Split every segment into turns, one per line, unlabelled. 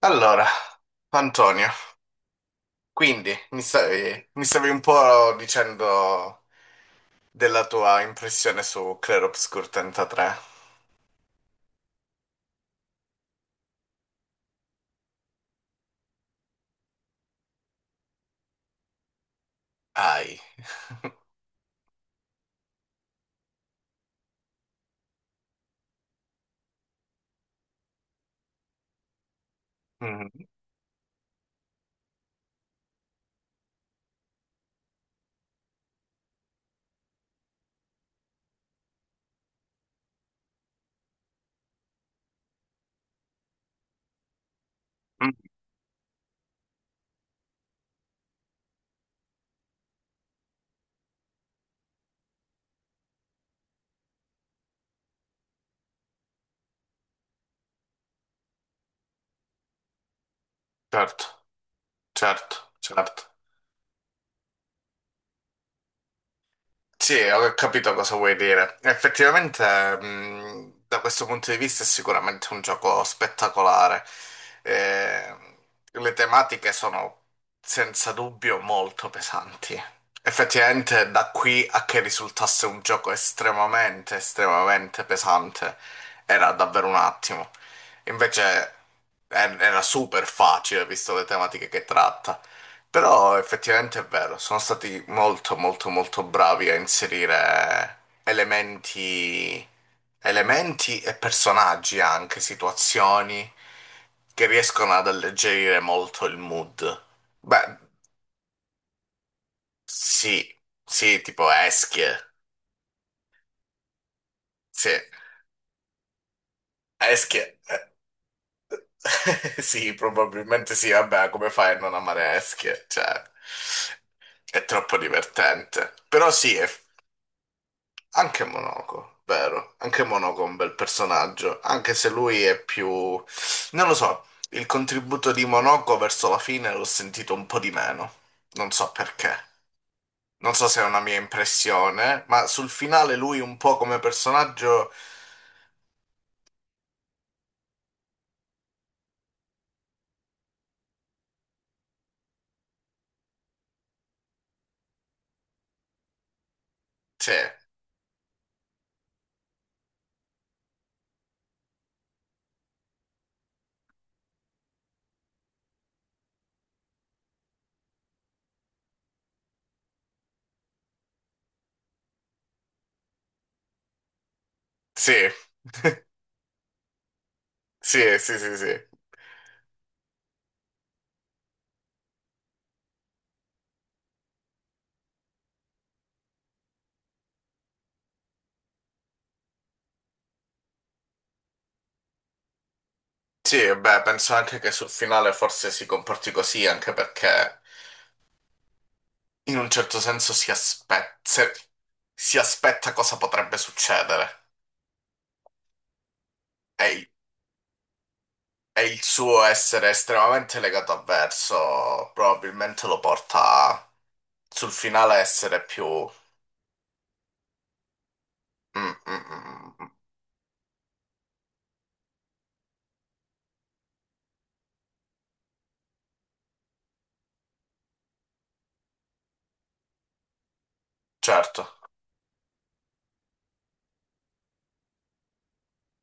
Allora, Antonio, quindi mi stavi un po' dicendo della tua impressione su Clair Obscur 33. Ai. Mhm. Certo, certo, certo. Sì, ho capito cosa vuoi dire. Effettivamente, da questo punto di vista è sicuramente un gioco spettacolare. Eh, le tematiche sono senza dubbio molto pesanti. Effettivamente, da qui a che risultasse un gioco estremamente, estremamente pesante, era davvero un attimo. Invece, era super facile, visto le tematiche che tratta. Però effettivamente è vero, sono stati molto molto molto bravi a inserire elementi, elementi e personaggi anche, situazioni che riescono ad alleggerire molto il mood. Beh, sì, sì, tipo Eschie. Sì, Eschie. Eh, sì, probabilmente sì. Vabbè, come fai a non amare Eschie? Cioè, è troppo divertente. Però sì. Anche Monaco, vero? Anche Monaco è un bel personaggio, anche se lui è più. Non lo so, il contributo di Monaco verso la fine l'ho sentito un po' di meno. Non so perché. Non so se è una mia impressione, ma sul finale lui un po' come personaggio. Sì, sì, sì, sì, sì, sì. Sì, beh, penso anche che sul finale forse si comporti così, anche perché in un certo senso si aspetta. Si aspetta cosa potrebbe succedere. E E il suo essere estremamente legato a verso probabilmente lo porta sul finale a essere più. Mm, mm, mm, mm. Mm. Certo,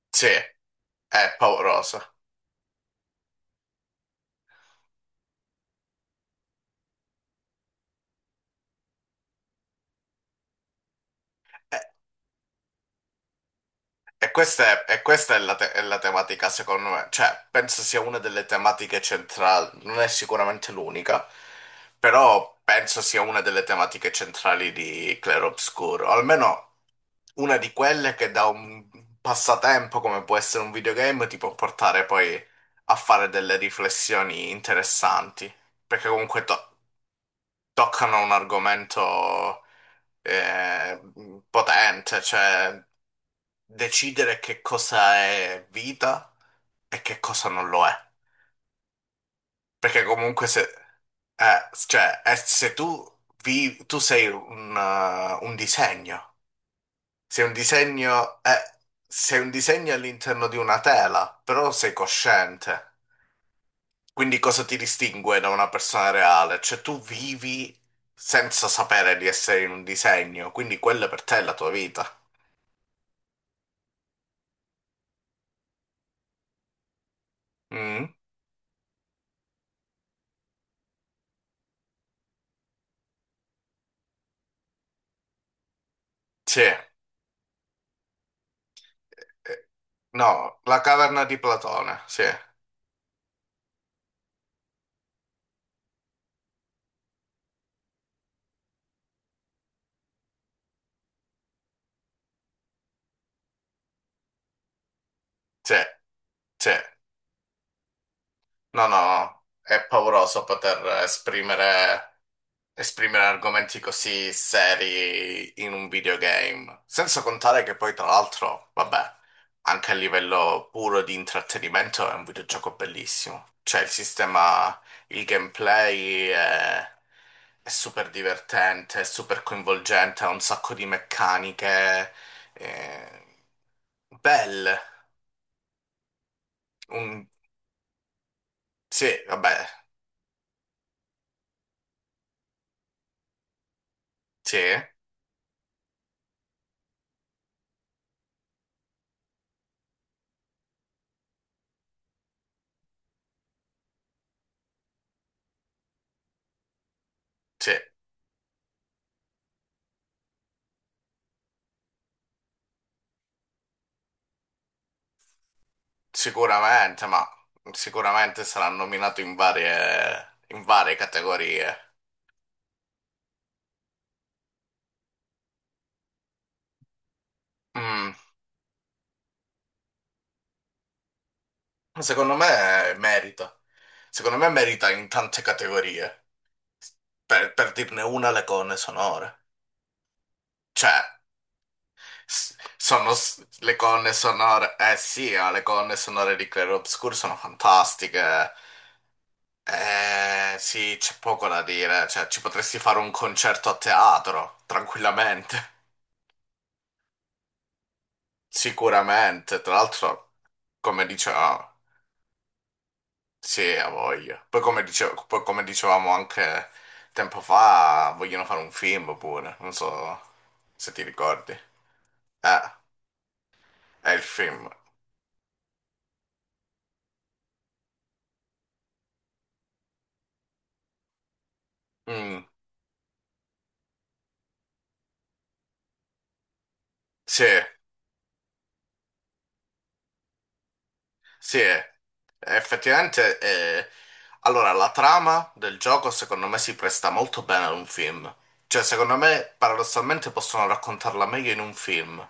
sì, è pauroso. E, e questa è la tematica, secondo me. Cioè, penso sia una delle tematiche centrali, non è sicuramente l'unica, però penso sia una delle tematiche centrali di Claro Obscuro, almeno una di quelle che da un passatempo come può essere un videogame ti può portare poi a fare delle riflessioni interessanti, perché comunque toccano un argomento eh, potente, cioè decidere che cosa è vita e che cosa non lo è. Perché comunque se, cioè, se tu, tu sei un un disegno. Se un disegno è, se un disegno è all'interno di una tela, però sei cosciente. Quindi cosa ti distingue da una persona reale? Cioè tu vivi senza sapere di essere in un disegno, quindi quella per te è la tua vita. Mm? Sì. No, la caverna di Platone, sì, sì, sì. No, no, no. È pauroso poter esprimere argomenti così seri in un videogame, senza contare che poi tra l'altro, vabbè, anche a livello puro di intrattenimento è un videogioco bellissimo. Cioè il sistema, il gameplay è super divertente, è super coinvolgente, ha un sacco di meccaniche eh, belle. Un- Sì, vabbè, sì, sì. Sicuramente, ma sicuramente sarà nominato in varie categorie. Mm, Secondo me merita. Secondo me merita in tante categorie. Per dirne una, le colonne sonore. Cioè, le colonne sonore. Eh sì, ma le colonne sonore di Clair Obscur sono fantastiche. Eh sì, c'è poco da dire. Cioè, ci potresti fare un concerto a teatro, tranquillamente. Sicuramente, tra l'altro. Come diceva, sì, ha voglia. Poi come dicevamo anche tempo fa, vogliono fare un film pure, non so se ti ricordi. Eh, è il film. Mm, sì, sì, effettivamente. Allora, la trama del gioco secondo me si presta molto bene ad un film. Cioè, secondo me, paradossalmente possono raccontarla meglio in un film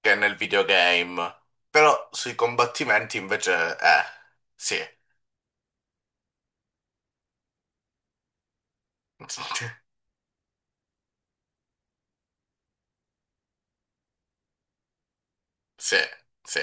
che nel videogame. Però sui combattimenti invece, sì. Sì, sì,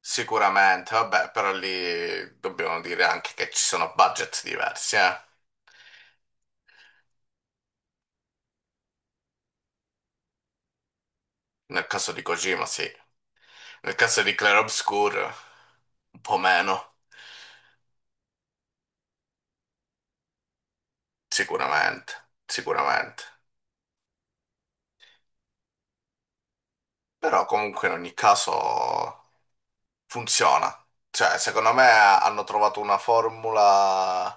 sicuramente, vabbè, però lì dobbiamo dire anche che ci sono budget diversi, eh. Nel caso di Kojima, sì. Nel caso di Clair Obscur, un po' meno, sicuramente, sicuramente. Però comunque in ogni caso funziona. Cioè, secondo me hanno trovato una formula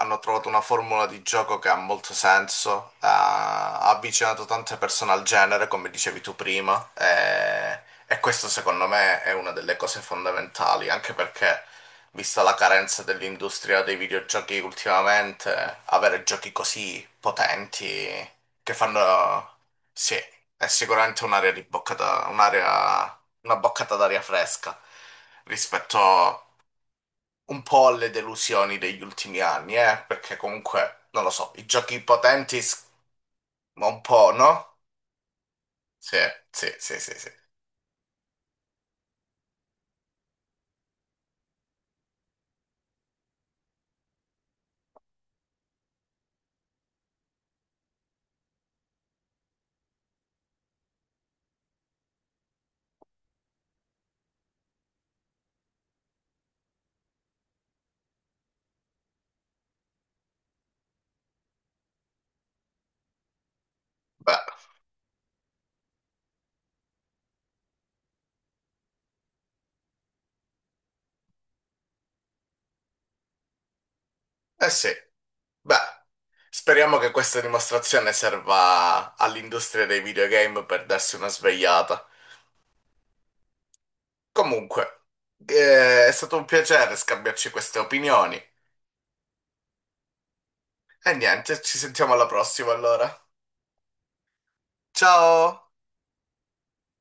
hanno trovato una formula di gioco che ha molto senso, ha avvicinato tante persone al genere, come dicevi tu prima, e, questo secondo me è una delle cose fondamentali, anche perché, vista la carenza dell'industria dei videogiochi ultimamente, avere giochi così potenti che fanno. Sì, è sicuramente un'area di boccata, un'area, una boccata d'aria fresca rispetto un po' alle delusioni degli ultimi anni, eh? Perché comunque, non lo so, i giochi potenti, ma un po', no? Sì, sì, sì, sì, sì. Beh, eh sì, beh, speriamo che questa dimostrazione serva all'industria dei videogame per darsi una svegliata. Comunque, è stato un piacere scambiarci queste opinioni. E niente, ci sentiamo alla prossima allora. Ciao!